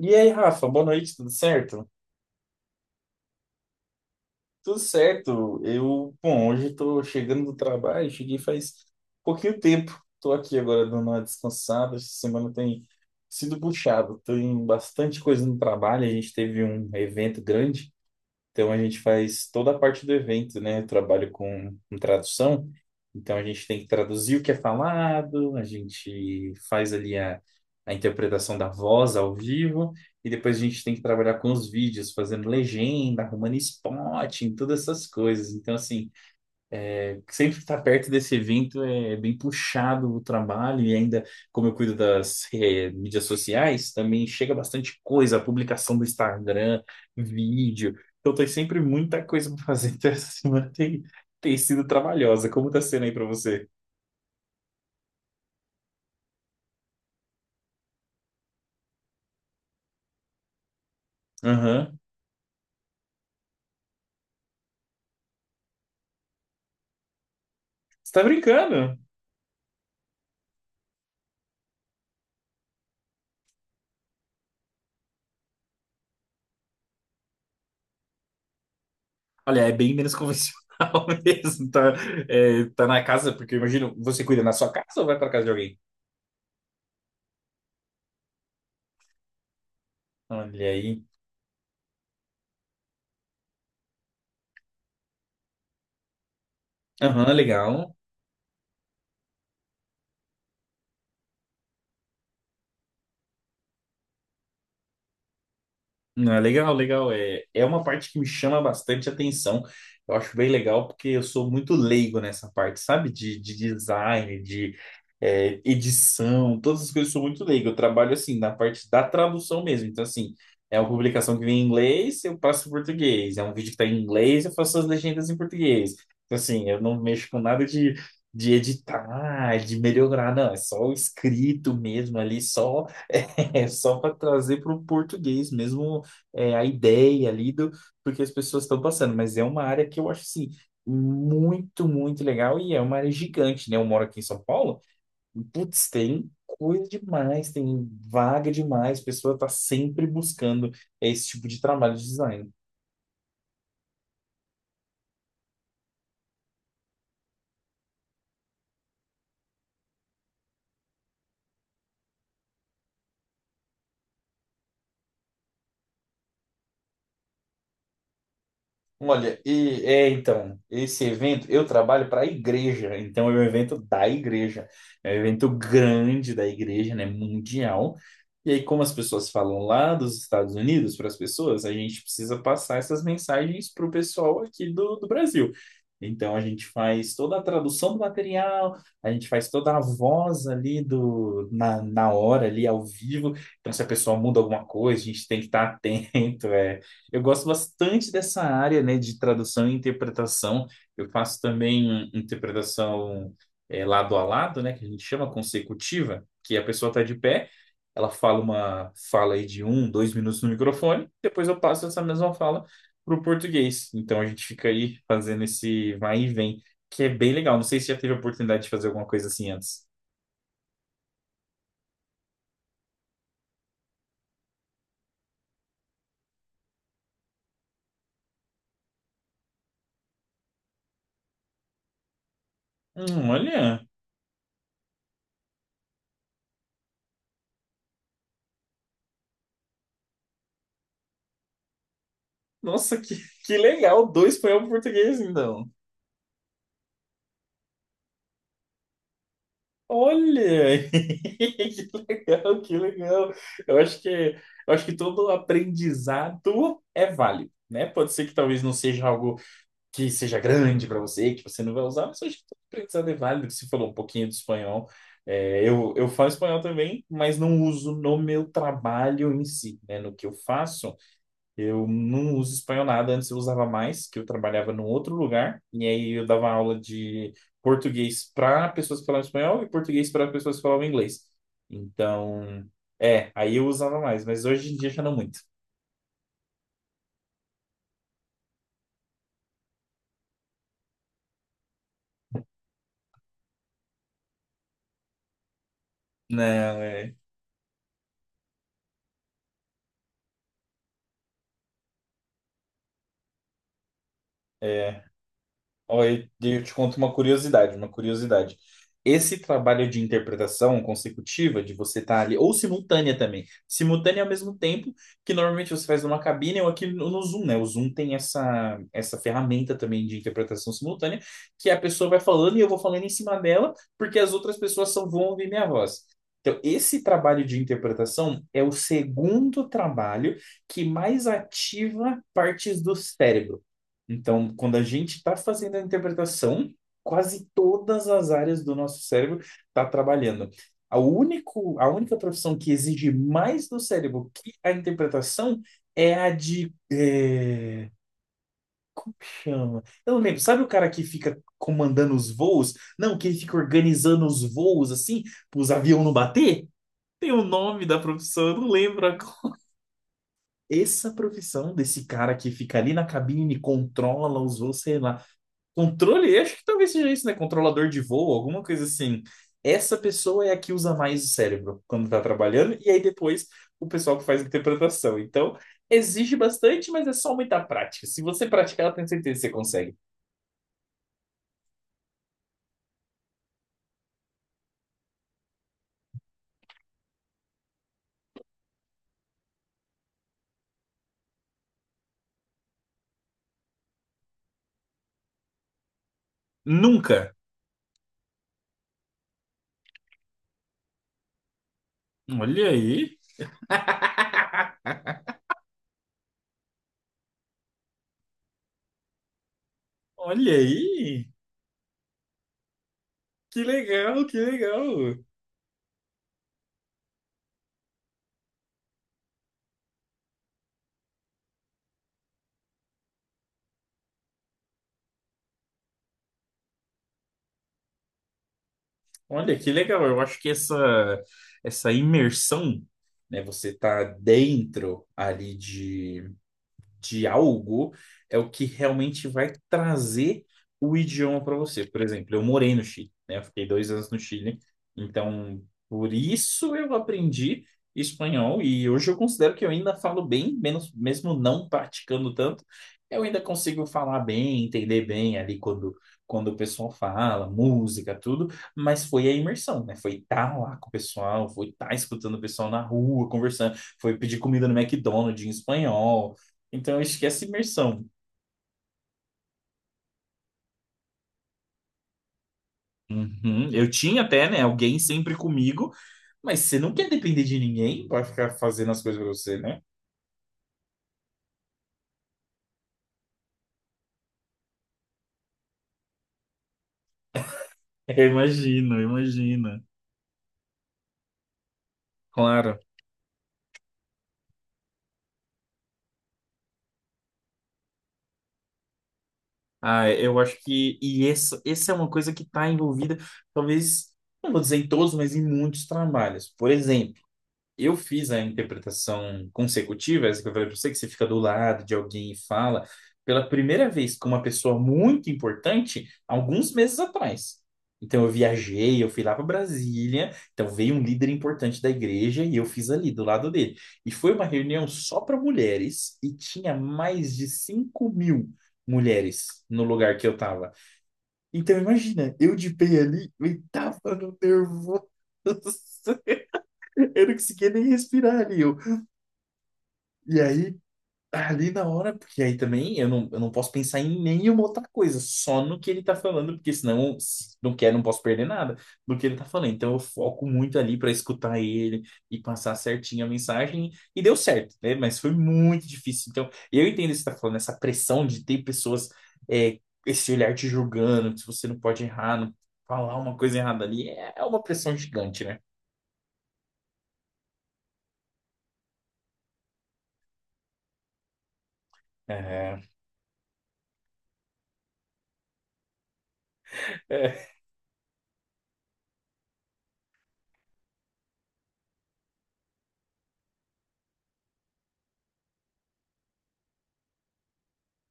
E aí, Rafa, boa noite, tudo certo? Tudo certo. Hoje estou chegando do trabalho, cheguei faz pouquinho tempo. Estou aqui agora dando uma descansada. Essa semana tem sido puxado, tem bastante coisa no trabalho. A gente teve um evento grande. Então a gente faz toda a parte do evento, né? Eu trabalho com tradução, então a gente tem que traduzir o que é falado, a gente faz ali a interpretação da voz ao vivo, e depois a gente tem que trabalhar com os vídeos, fazendo legenda, arrumando spotting, todas essas coisas. Então, assim, sempre estar perto desse evento é bem puxado o trabalho, e ainda, como eu cuido das mídias sociais, também chega bastante coisa, publicação do Instagram, vídeo. Então, tem sempre muita coisa para fazer. Então, tem sido trabalhosa. Como tá sendo aí para você? Aham. Você tá brincando? Olha, é bem menos convencional mesmo. Tá, tá na casa, porque eu imagino, você cuida na sua casa ou vai para casa de alguém? Olha aí. Aham, legal. Não, é legal, legal. É, é uma parte que me chama bastante atenção. Eu acho bem legal porque eu sou muito leigo nessa parte, sabe? De design, de edição, todas as coisas eu sou muito leigo. Eu trabalho assim na parte da tradução mesmo. Então, assim, é uma publicação que vem em inglês, eu passo em português. É um vídeo que está em inglês, eu faço as legendas em português. Então, assim, eu não mexo com nada de, de editar, de melhorar, não. É só o escrito mesmo ali, só. É só para trazer para o português mesmo a ideia ali do que as pessoas estão passando, mas é uma área que eu acho assim muito, muito legal e é uma área gigante, né? Eu moro aqui em São Paulo, e, putz, tem coisa demais, tem vaga demais, a pessoa está sempre buscando esse tipo de trabalho de design. Olha, então esse evento, eu trabalho para a igreja, então é um evento da igreja, é um evento grande da igreja, né, mundial. E aí, como as pessoas falam lá dos Estados Unidos para as pessoas, a gente precisa passar essas mensagens para o pessoal aqui do Brasil. Então, a gente faz toda a tradução do material, a gente faz toda a voz na hora, ali ao vivo. Então, se a pessoa muda alguma coisa, a gente tem que estar atento. Eu gosto bastante dessa área, né, de tradução e interpretação. Eu faço também interpretação lado a lado, né, que a gente chama consecutiva, que a pessoa está de pé, ela fala uma fala aí de 2 minutos no microfone, depois eu passo essa mesma fala para o português. Então a gente fica aí fazendo esse vai e vem, que é bem legal. Não sei se já teve a oportunidade de fazer alguma coisa assim antes. Olha, nossa, que, que legal, dois espanhol para português, então. Olha, que legal, que legal. Eu acho que todo aprendizado é válido, né? Pode ser que talvez não seja algo que seja grande para você, que você não vai usar, mas eu acho que todo aprendizado é válido. Você falou um pouquinho de espanhol. Eu falo espanhol também, mas não uso no meu trabalho em si, né? No que eu faço. Eu não uso espanhol nada, antes eu usava mais, que eu trabalhava num outro lugar, e aí eu dava aula de português para pessoas que falavam espanhol e português para pessoas que falavam inglês. Então, aí eu usava mais, mas hoje em dia já não muito. Não, é. É, Olha, eu te conto uma curiosidade, uma curiosidade. Esse trabalho de interpretação consecutiva, de você estar ali, ou simultânea também, simultânea ao mesmo tempo, que normalmente você faz numa cabine ou aqui no Zoom, né? O Zoom tem essa ferramenta também de interpretação simultânea, que a pessoa vai falando e eu vou falando em cima dela, porque as outras pessoas só vão ouvir minha voz. Então, esse trabalho de interpretação é o segundo trabalho que mais ativa partes do cérebro. Então, quando a gente está fazendo a interpretação, quase todas as áreas do nosso cérebro está trabalhando. A única profissão que exige mais do cérebro que a interpretação é a de. Como que chama? Eu não lembro. Sabe o cara que fica comandando os voos? Não, que ele fica organizando os voos assim, para os aviões não bater? Tem o nome da profissão, eu não lembro agora. Essa profissão desse cara que fica ali na cabine, controla os voos, sei lá. Controle, acho que talvez seja isso, né? Controlador de voo, alguma coisa assim. Essa pessoa é a que usa mais o cérebro quando tá trabalhando, e aí depois o pessoal que faz a interpretação. Então, exige bastante, mas é só muita prática. Se você praticar, eu tenho certeza que você consegue. Nunca. Olha aí, olha aí. Que legal, que legal. Olha, que legal. Eu acho que essa imersão, né? Você tá dentro ali de algo é o que realmente vai trazer o idioma para você. Por exemplo, eu morei no Chile, né? Eu fiquei 2 anos no Chile, então por isso eu aprendi espanhol e hoje eu considero que eu ainda falo bem, menos, mesmo não praticando tanto, eu ainda consigo falar bem, entender bem ali quando o pessoal fala, música, tudo, mas foi a imersão, né? Foi estar lá com o pessoal, foi estar escutando o pessoal na rua, conversando, foi pedir comida no McDonald's em espanhol, então, esquece imersão. Uhum. Eu tinha até, né, alguém sempre comigo, mas você não quer depender de ninguém para ficar fazendo as coisas para você, né? Eu imagino, eu imagino. Claro. Ah, eu acho que... E essa é uma coisa que está envolvida, talvez, não vou dizer em todos, mas em muitos trabalhos. Por exemplo, eu fiz a interpretação consecutiva, essa que eu falei pra você, que você fica do lado de alguém e fala, pela primeira vez com uma pessoa muito importante, alguns meses atrás. Então eu viajei, eu fui lá para Brasília, então veio um líder importante da igreja e eu fiz ali do lado dele. E foi uma reunião só para mulheres e tinha mais de 5 mil mulheres no lugar que eu tava. Então imagina, eu de pé ali, eu tava no nervoso. Eu não conseguia nem respirar ali. E aí, ali na hora, porque aí também eu não posso pensar em nenhuma outra coisa, só no que ele tá falando, porque senão, se não quer, não posso perder nada do que ele tá falando. Então eu foco muito ali para escutar ele e passar certinho a mensagem, e deu certo, né? Mas foi muito difícil. Então, eu entendo o que você tá falando, essa pressão de ter pessoas, é, esse olhar te julgando, se você não pode errar, não falar uma coisa errada ali, é uma pressão gigante, né? É. É,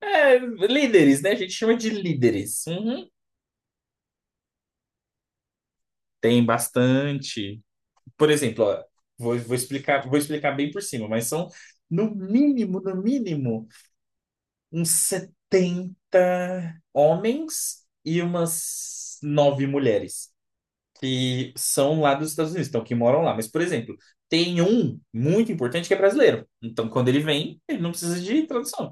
Líderes, né? A gente chama de líderes. Uhum. Tem bastante. Por exemplo, ó, vou explicar bem por cima, mas são no mínimo, no mínimo, uns 70 homens e umas 9 mulheres que são lá dos Estados Unidos, então que moram lá. Mas, por exemplo, tem um muito importante que é brasileiro. Então, quando ele vem, ele não precisa de tradução.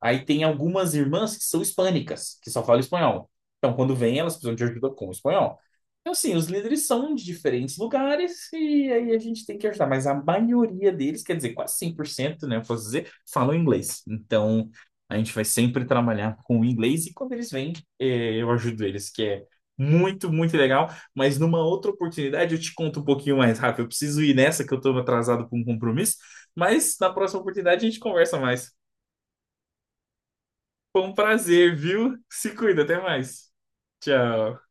Aí tem algumas irmãs que são hispânicas, que só falam espanhol. Então, quando vêm, elas precisam de ajuda com o espanhol. Então, assim, os líderes são de diferentes lugares e aí a gente tem que ajudar. Mas a maioria deles, quer dizer, quase 100%, né, eu posso dizer, falam inglês. Então, a gente vai sempre trabalhar com o inglês e quando eles vêm, eu ajudo eles, que é muito, muito legal. Mas numa outra oportunidade, eu te conto um pouquinho mais rápido. Eu preciso ir nessa, que eu estou atrasado com um compromisso. Mas na próxima oportunidade, a gente conversa mais. Foi um prazer, viu? Se cuida, até mais. Tchau.